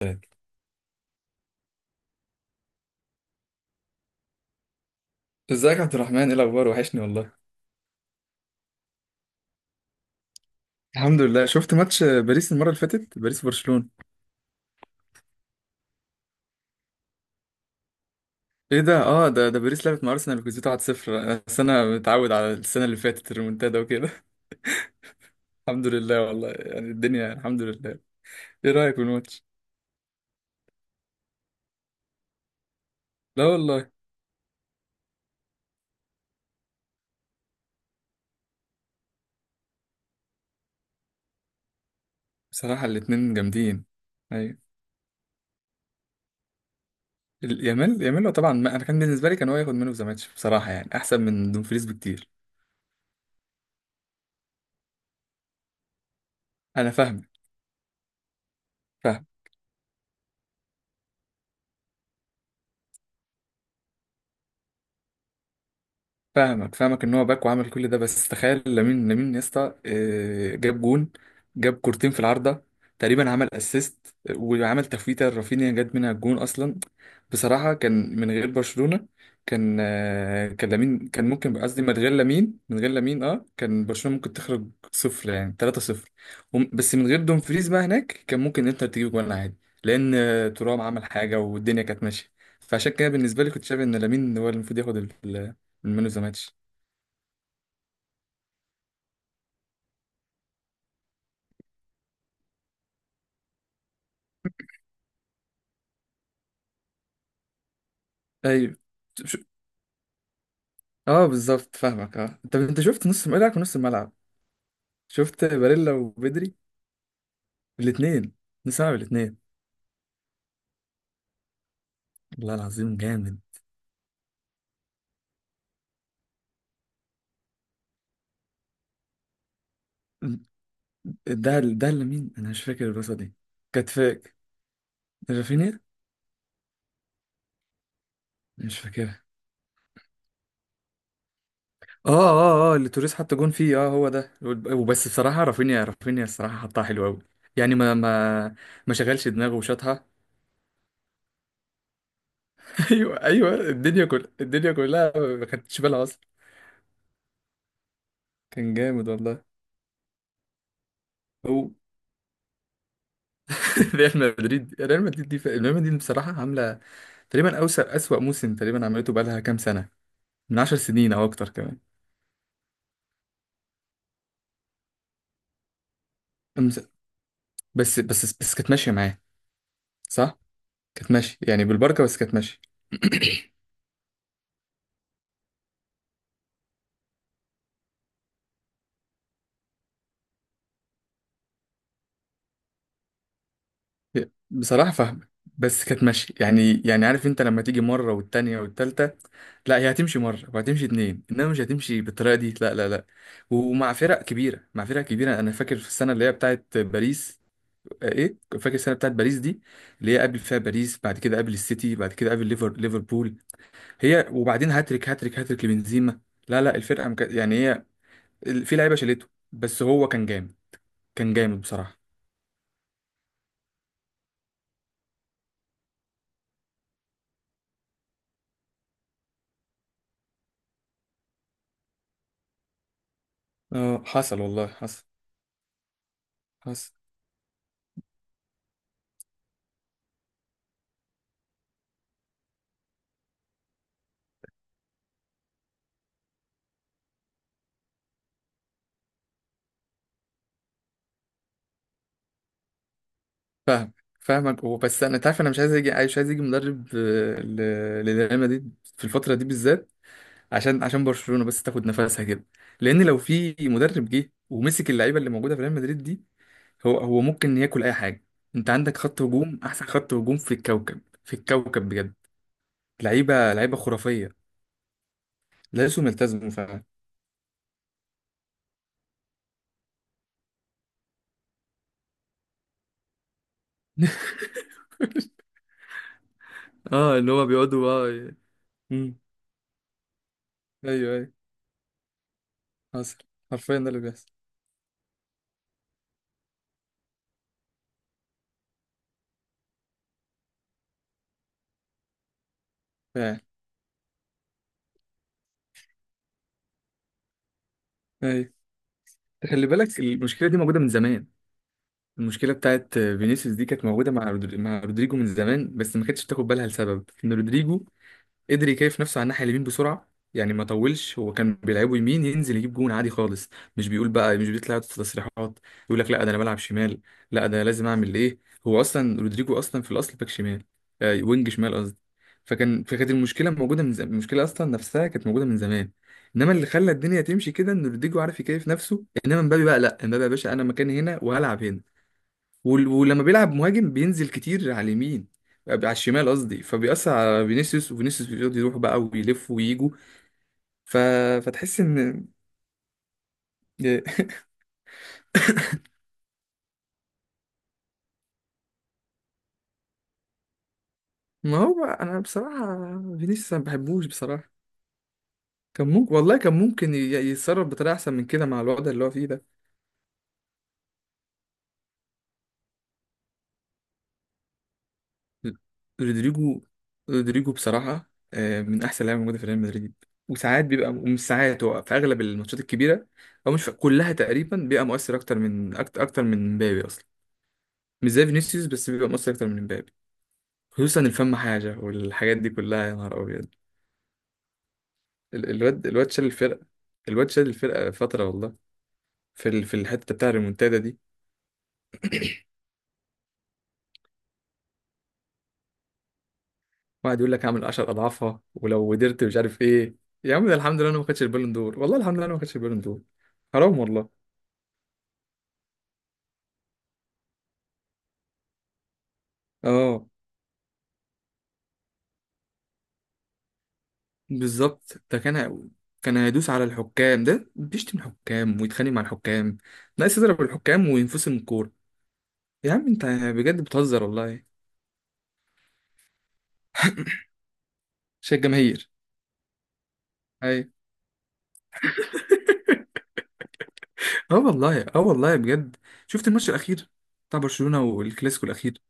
تمام. ازيك يا عبد الرحمن؟ ايه الاخبار؟ وحشني والله. الحمد لله. شفت ماتش باريس المرة اللي فاتت، باريس برشلونة؟ ايه ده؟ اه ده باريس لعبت مع ارسنال وكسبته 1-0. بس انا متعود على السنة اللي فاتت، الريمونتادا وكده. الحمد لله والله، يعني الدنيا الحمد لله. ايه رأيك في الماتش؟ لا والله. بصراحة الاتنين جامدين. ايوه. يامال هو طبعا، ما انا كان بالنسبة لي كان هو ياخد منه في ماتش، بصراحة يعني احسن من دومفريز بكتير. انا فاهمك. فاهم. فاهمك فاهمك ان هو باك وعمل كل ده، بس تخيل لامين يا اسطى آه، جاب جون. جاب كورتين في العارضه، تقريبا عمل اسيست، وعمل تفويته رافينيا جت منها الجون اصلا. بصراحه كان من غير برشلونه، كان كان لامين، كان ممكن قصدي من غير لامين. اه كان برشلونه ممكن تخرج صفر، يعني 3 صفر. بس من غير دومفريز بقى هناك كان ممكن انتر تجيب جون عادي. لان ترام عمل حاجه والدنيا كانت ماشيه، فعشان كده بالنسبه لي كنت شايف ان لامين هو اللي المفروض ياخد من مان اوف ذا ماتش. ايوه. ش- اه بالظبط فاهمك. اه انت شفت نص ملعب ونص الملعب. شفت باريلا وبدري، الاثنين، نص ملعب الاثنين. والله العظيم جامد. ده اللي مين؟ انا مش فاكر الباصه دي. كانت فاك، رافينيا. مش فاكرها. اه اه اه، اللي توريس حط جون فيه، اه هو ده. وبس بصراحه رافينيا. الصراحه حطها حلو قوي. يعني ما ما شغلش دماغه وشاطها. ايوه ايوه، الدنيا كل الدنيا كلها ما خدتش بالها اصلا. كان جامد والله. هو. ريال مدريد. ريال مدريد دي ريال مدريد بصراحة عاملة تقريبا أوسع أسوأ موسم تقريبا عملته، بقالها كام سنة، من 10 سنين أو أكتر كمان. أمس- بس بس بس كانت ماشية معاه، صح؟ كانت ماشية يعني بالبركة، بس كانت ماشية. بصراحة فاهمة. بس كانت ماشية، يعني يعني عارف أنت، لما تيجي مرة والتانية والتالتة، لا هي هتمشي مرة وهتمشي اتنين، إنما مش هتمشي بالطريقة دي، لا لا لا. ومع فرق كبيرة. أنا فاكر في السنة اللي هي بتاعت باريس، ايه، فاكر السنه بتاعت باريس دي، اللي هي قبل فيها باريس بعد كده، قبل السيتي بعد كده، قبل ليفربول، هي وبعدين هاتريك هاتريك هاتريك لبنزيما. لا لا، الفرقه يعني هي في لعيبه شالته، بس هو كان جامد. كان جامد بصراحه. اه حصل والله، حصل حصل. فاهم. فاهمك. هو بس انا تعرف، انا مش عايز يجي مدرب للريال مدريد في الفتره دي بالذات، عشان برشلونه بس تاخد نفسها كده. لان لو في مدرب جه ومسك اللعيبه اللي موجوده في ريال مدريد دي، هو ممكن ياكل اي حاجه. انت عندك خط هجوم، احسن خط هجوم في الكوكب، في الكوكب بجد. لعيبه، لعيبه خرافيه. لازم يلتزموا فعلا. اه اللي هو بيقعدوا اه امم، ايوه ايوه، حصل. حرفيا ده اللي بيحصل. فعلا. ايوه. خلي بالك المشكله دي موجوده من زمان. المشكله بتاعت فينيسيوس دي كانت موجوده مع مع رودريجو من زمان، بس ما كانتش بتاخد بالها لسبب ان رودريجو قدر يكيف نفسه على الناحية اليمين بسرعة، يعني ما طولش، هو كان بيلعبه يمين، ينزل يجيب جون عادي خالص. مش بيقول بقى، مش بيطلع يقعد في تصريحات، يقول لك لا ده انا بلعب شمال، لا ده لازم اعمل ايه. هو اصلا رودريجو اصلا في الاصل باك شمال، آه وينج شمال قصدي. فكانت المشكلة موجودة من زمان، المشكلة اصلا نفسها كانت موجودة من زمان. انما اللي خلى الدنيا تمشي كده ان رودريجو عارف يكيف نفسه، انما مبابي بقى لا، مبابي يا باشا انا مكاني هنا وهلعب هنا. ولما بيلعب مهاجم بينزل كتير على اليمين، على الشمال قصدي، فبيأثر على فينيسيوس، وفينيسيوس بيقعد يروح بقى ويلف ويجوا. ف... فتحس ان. ما هو بقى انا بصراحة، فينيسيوس أنا ما بحبوش بصراحة. كان ممكن والله كان ممكن يتصرف بطريقة احسن من كده مع الوضع اللي هو فيه ده. رودريجو. بصراحة آه، من احسن لعيبة موجودة في ريال مدريد. وساعات بيبقى، ومش ساعات، هو في اغلب الماتشات الكبيرة او مش في كلها تقريبا بيبقى مؤثر اكتر من اكتر من مبابي اصلا. مش زي فينيسيوس، بس بيبقى مؤثر اكتر من امبابي. خصوصا الفم حاجه والحاجات دي كلها، يا نهار ابيض. الواد شال الفرقه. الواد شال الفرقه فتره والله، في في الحته بتاع الريمونتادا دي. واحد يقول لك اعمل 10 اضعافها ولو قدرت مش عارف ايه. يا عم ده الحمد لله انا ما خدتش البالون دور، والله الحمد لله انا ما خدتش البالون دور. حرام والله. اه بالظبط ده كان هيدوس على الحكام، ده بيشتم الحكام ويتخانق مع الحكام، ناقص يضرب الحكام وينفصل من الكوره. يا عم انت بجد بتهزر والله. شايف الجماهير؟ اه والله، اه والله بجد. شفت الماتش الاخير، بتاع برشلونه، والكلاسيكو الاخير؟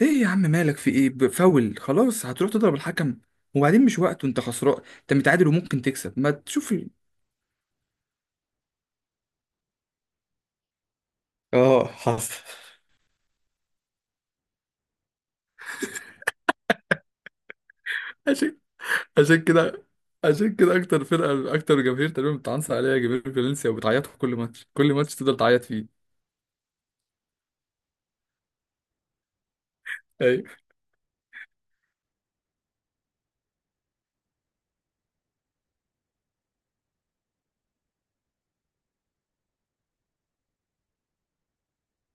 ايه يا عم، مالك في ايه؟ فاول خلاص هتروح تضرب الحكم، وبعدين مش وقته، انت خسران، انت متعادل وممكن تكسب، ما تشوف اه حصل. عشان عشان كده عشان كده اكتر فرقه، اكتر جماهير تقريبا بتعنصر عليها، جماهير فالنسيا، وبتعيط في كل ماتش، كل ماتش تفضل تعيط فيه. ايوه.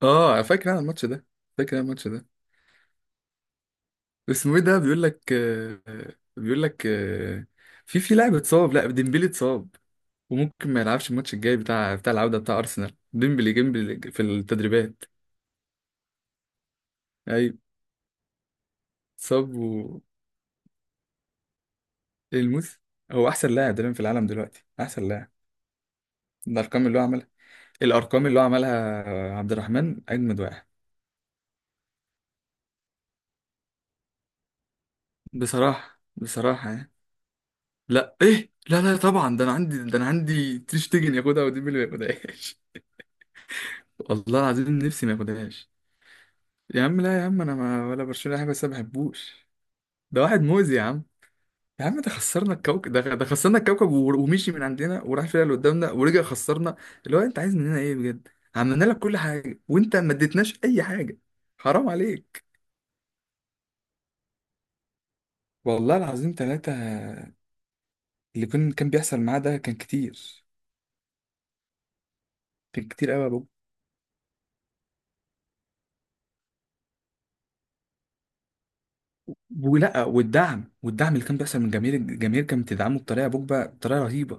اه فاكر انا الماتش ده. فاكر انا الماتش ده اسمه ايه ده؟ بيقول لك بيقول لك آه، في لاعب اتصاب. لا ديمبلي اتصاب، وممكن ما يلعبش الماتش الجاي بتاع بتاع العودة بتاع أرسنال. ديمبلي جيمبلي في التدريبات. أيوة. صاب الموس هو أحسن لاعب تقريبا في العالم دلوقتي، أحسن لاعب. الأرقام اللي هو عملها. الأرقام اللي هو عملها عبد الرحمن أجمد واحد. بصراحة، بصراحة يعني، لا إيه لا لا طبعا، ده أنا عندي تشتجن ياخدها وديمبلي ما ياخدهاش. والله العظيم نفسي ما ياخدهاش. يا عم لا يا عم، أنا ما ولا برشلونة حاجة، بس ما بحبوش. ده واحد مؤذي يا عم. يا عم ده خسرنا الكوكب، ده خسرنا الكوكب، ومشي من عندنا وراح فيها اللي قدامنا ورجع خسرنا. اللي هو انت عايز مننا ايه بجد؟ عملنا لك كل حاجه وانت ما اديتناش اي حاجه. حرام عليك. والله العظيم ثلاثة، اللي كان بيحصل معاه ده كان كتير كان كتير قوي يا بوجبا. ولا، والدعم اللي كان بيحصل من جماهير، الجماهير كانت بتدعمه بطريقه يا بوجبا، بطريقه رهيبه.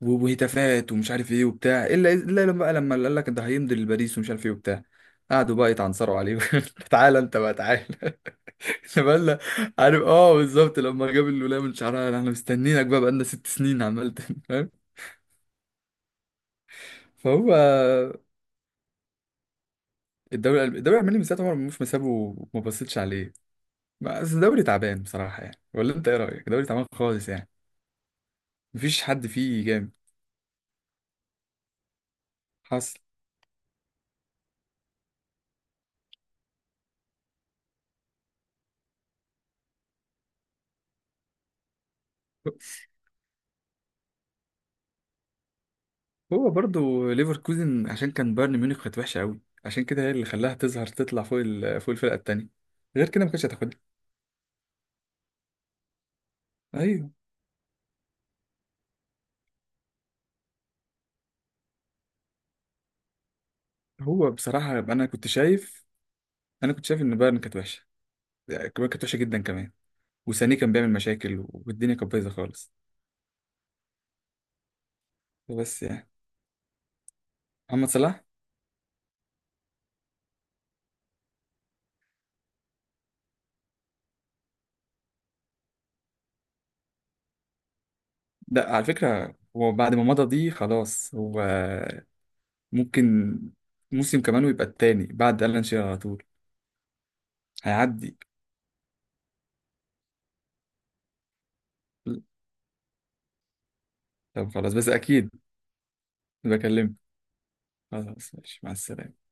وهتافات ومش عارف ايه وبتاع، الا الا لما بقى، لما قال لك ده هيمضي لباريس ومش عارف ايه وبتاع، قعدوا بقى يتعنصروا عليه. تعالى انت بقى، تعالى. بقالنا، عارف، اه بالظبط، لما جاب الولايه من شعرها احنا مستنيينك بقى، بقالنا 6 سنين عمال فاهم. فهو، الدوري الالماني من ساعه عمر مرموش ما سابه وما بصيتش عليه. بس الدوري تعبان بصراحه يعني، ولا انت ايه رايك؟ الدوري تعبان خالص يعني، مفيش حد فيه جامد. حصل. هو برضو ليفركوزن عشان كان بايرن ميونخ كانت وحشه قوي، عشان كده هي اللي خلاها تظهر، تطلع فوق فوق الفرقه التانيه، غير كده ما كانتش هتاخدها. ايوه. هو بصراحه، انا كنت شايف، ان بايرن كانت وحشه، يعني كانت وحشه جدا كمان. وسانيه كان بيعمل مشاكل والدنيا كانت بايظه خالص. بس يعني. محمد صلاح. ده على فكره هو بعد ما مضى دي خلاص، هو ممكن موسم كمان ويبقى التاني بعد ألان شيرر على طول. هيعدي. طب خلاص، بس اكيد بكلمك. خلاص، ماشي، مع السلامه.